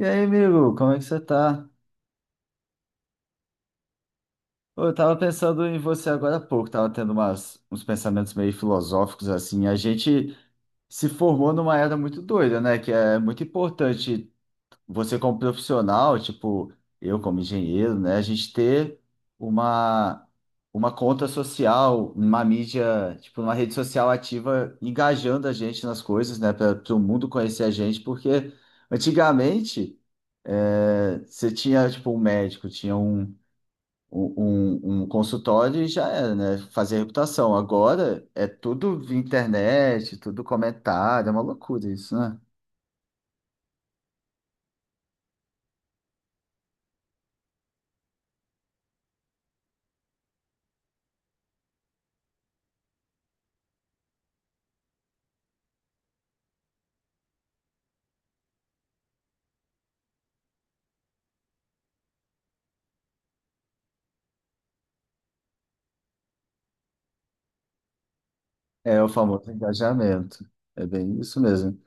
E aí, amigo, como é que você tá? Ô, eu tava pensando em você agora há pouco, tava tendo uns pensamentos meio filosóficos assim. A gente se formou numa era muito doida, né? Que é muito importante você como profissional, tipo, eu como engenheiro, né? A gente ter uma, uma conta social, uma mídia, tipo, uma rede social ativa, engajando a gente nas coisas, né? Para o mundo conhecer a gente, porque antigamente. É, você tinha, tipo, um médico, tinha um, um consultório e já era, né? Fazer reputação. Agora é tudo via internet, tudo comentário, é uma loucura isso, né? É o famoso engajamento. É bem isso mesmo.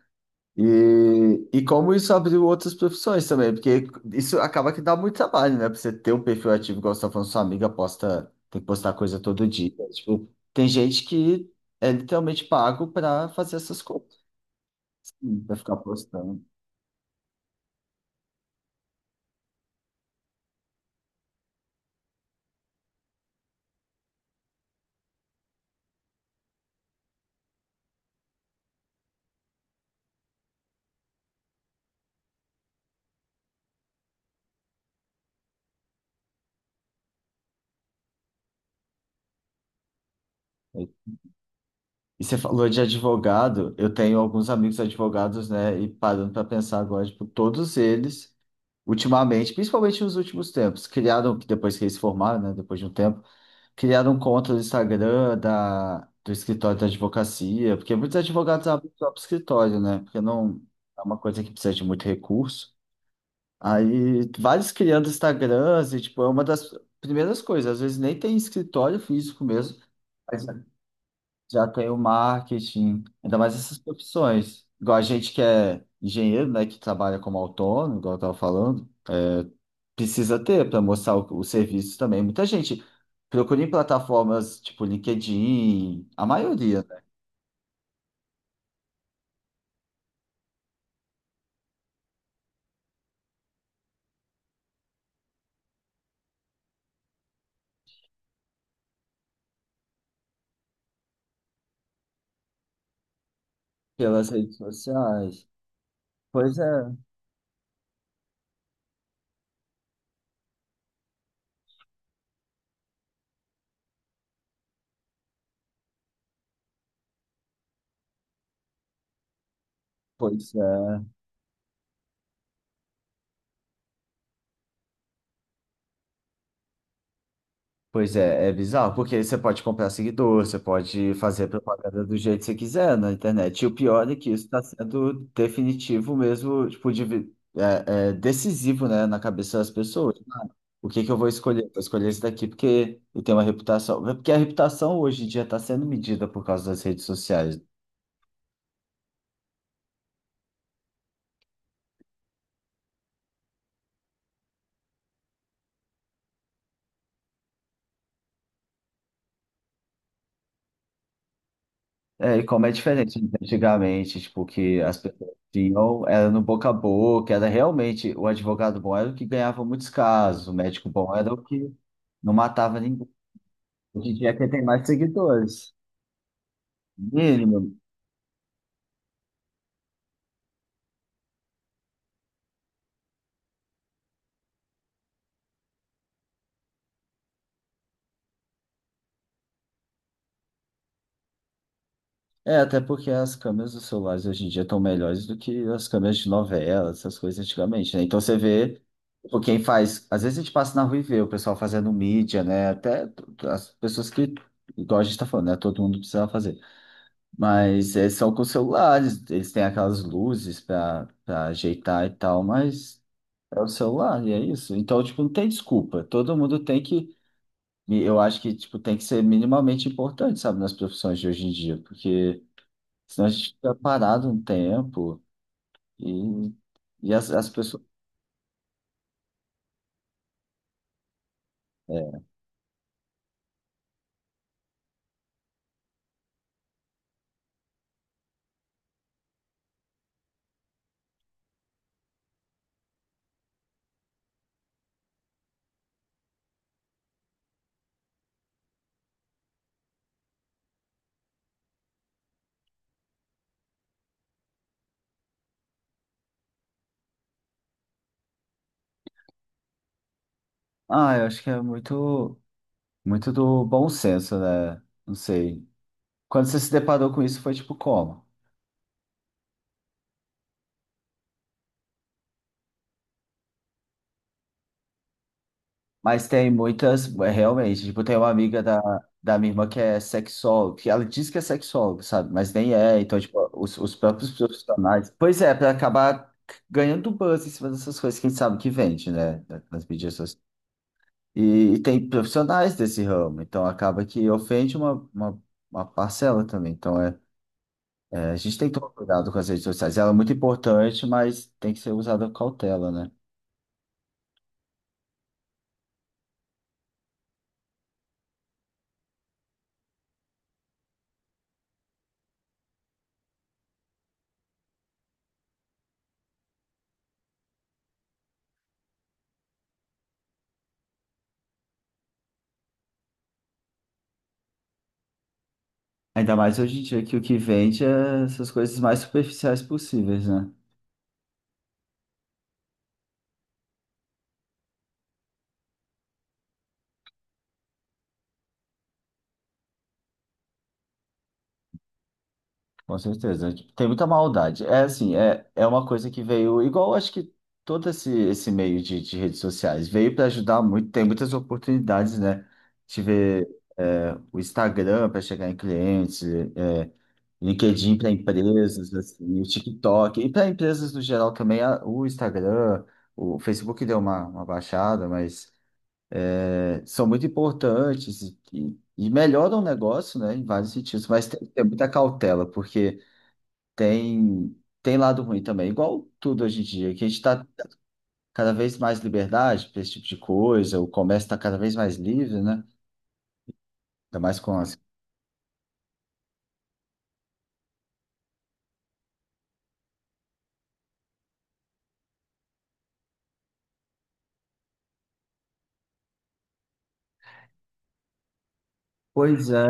E como isso abriu outras profissões também, porque isso acaba que dá muito trabalho, né? Pra você ter um perfil ativo, igual você tá falando, sua amiga posta, tem que postar coisa todo dia. Tipo, tem gente que é literalmente pago para fazer essas coisas, para ficar postando. E você falou de advogado, eu tenho alguns amigos advogados, né? E parando para pensar agora, tipo, todos eles, ultimamente, principalmente nos últimos tempos, criaram, depois que eles se formaram, né? Depois de um tempo, criaram um conta do Instagram do escritório da advocacia, porque muitos advogados abrem o próprio escritório, né? Porque não é uma coisa que precisa de muito recurso. Aí, vários criando Instagrams, e, tipo, é uma das primeiras coisas, às vezes nem tem escritório físico mesmo. Já tem o marketing, ainda mais essas profissões. Igual a gente que é engenheiro, né, que trabalha como autônomo, igual eu estava falando, precisa ter para mostrar o serviço também. Muita gente procura em plataformas tipo LinkedIn, a maioria, né, pelas redes sociais. Pois é, pois é. Pois é, é bizarro, porque você pode comprar seguidor, você pode fazer propaganda do jeito que você quiser na internet. E o pior é que isso está sendo definitivo mesmo, tipo, é, é decisivo, né, na cabeça das pessoas. O que que eu vou escolher? Vou escolher esse daqui porque eu tenho uma reputação. Porque a reputação hoje em dia está sendo medida por causa das redes sociais. É, e como é diferente de antigamente, tipo, que as pessoas tinham, era no boca a boca, era realmente, o advogado bom era o que ganhava muitos casos, o médico bom era o que não matava ninguém. Hoje em dia é quem tem mais seguidores, mínimo. É, até porque as câmeras dos celulares hoje em dia estão melhores do que as câmeras de novela, essas coisas antigamente, né? Então você vê, tipo, quem faz, às vezes a gente passa na rua e vê o pessoal fazendo mídia, né? As pessoas que, igual a gente tá falando, né? Todo mundo precisava fazer. Mas é só com celulares, eles têm aquelas luzes para ajeitar e tal, mas é o celular e é isso. Então, tipo, não tem desculpa. Todo mundo tem que, eu acho que, tipo, tem que ser minimamente importante, sabe, nas profissões de hoje em dia, porque senão a gente fica parado um tempo e, e as pessoas. É. Ah, eu acho que é muito do bom senso, né? Não sei. Quando você se deparou com isso, foi tipo como? Mas tem muitas, é, realmente, tipo, tem uma amiga da minha irmã que é sexóloga, que ela diz que é sexóloga, sabe? Mas nem é, então, tipo, os próprios profissionais. Pois é, para acabar ganhando buzz em cima dessas coisas, quem sabe que vende, né? Nas mídias sociais. E tem profissionais desse ramo, então acaba que ofende uma parcela também. Então, é, a gente tem que tomar cuidado com as redes sociais. Ela é muito importante, mas tem que ser usada com cautela, né? Ainda mais hoje em dia que o que vende é essas coisas mais superficiais possíveis, né? Com certeza. Tipo, tem muita maldade. É assim, é uma coisa que veio, igual acho que todo esse meio de redes sociais, veio para ajudar muito, tem muitas oportunidades, né? De é, o Instagram para chegar em clientes, é, LinkedIn para empresas, assim, o TikTok, e para empresas no geral também, o Instagram, o Facebook deu uma baixada, mas. É, são muito importantes e melhoram o negócio, né, em vários sentidos, mas tem que ter muita cautela, porque tem, tem lado ruim também, igual tudo hoje em dia, que a gente está cada vez mais liberdade para esse tipo de coisa, o comércio está cada vez mais livre, né? Ainda mais com as. Pois é,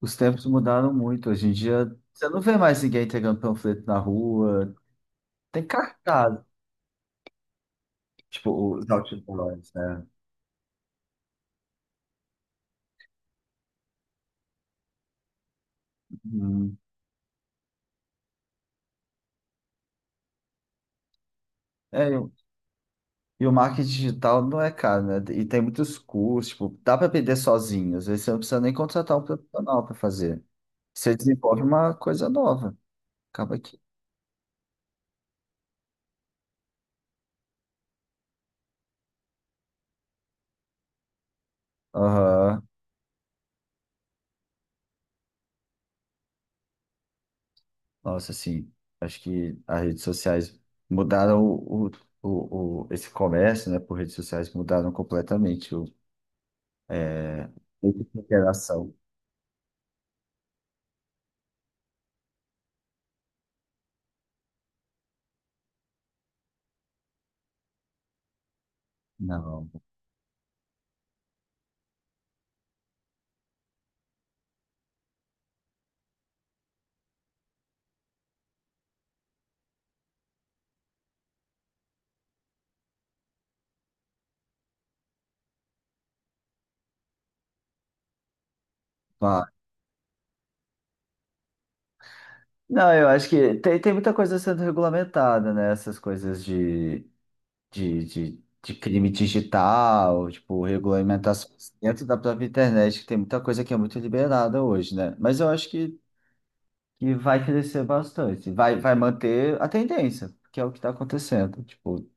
os tempos mudaram muito. Hoje em dia, você não vê mais ninguém entregando panfleto na rua, tem cartaz, tipo, os outdoors, né? Uhum. É, e o marketing digital não é caro, né? E tem muitos cursos, tipo, dá para aprender sozinho. Às vezes você não precisa nem contratar um profissional para fazer. Você desenvolve uma coisa nova. Acaba aqui. Aham. Nossa, assim, acho que as redes sociais mudaram esse comércio, né? Por redes sociais mudaram completamente o, é, a interação. Não. Pá. Não, eu acho que tem, tem muita coisa sendo regulamentada, né? Essas coisas de crime digital, tipo, regulamentações dentro da própria internet, que tem muita coisa que é muito liberada hoje, né? Mas eu acho que vai crescer bastante, vai, vai manter a tendência, que é o que está acontecendo. Tipo,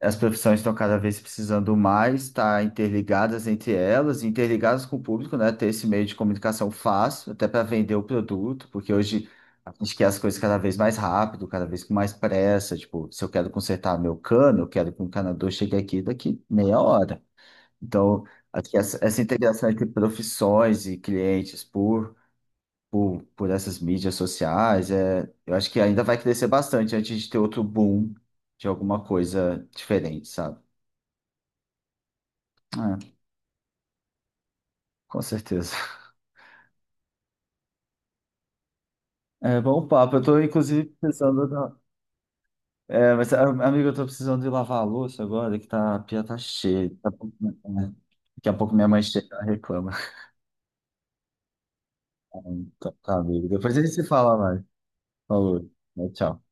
as profissões estão cada vez precisando mais estar interligadas entre elas, interligadas com o público, né? Ter esse meio de comunicação fácil, até para vender o produto, porque hoje a gente quer as coisas cada vez mais rápido, cada vez com mais pressa. Tipo, se eu quero consertar meu cano, eu quero que o encanador chegue aqui daqui meia hora. Então, acho que essa integração entre profissões e clientes por essas mídias sociais, é, eu acho que ainda vai crescer bastante antes de ter outro boom de alguma coisa diferente, sabe? É, com certeza. É bom papo. Eu tô, inclusive, precisando da... É, mas, amigo, eu tô precisando de lavar a louça agora, que tá, a pia tá cheia. Daqui a pouco, é, daqui a pouco minha mãe chega e reclama. Então, tá, amigo. Depois a gente se fala mais. Falou. Tchau.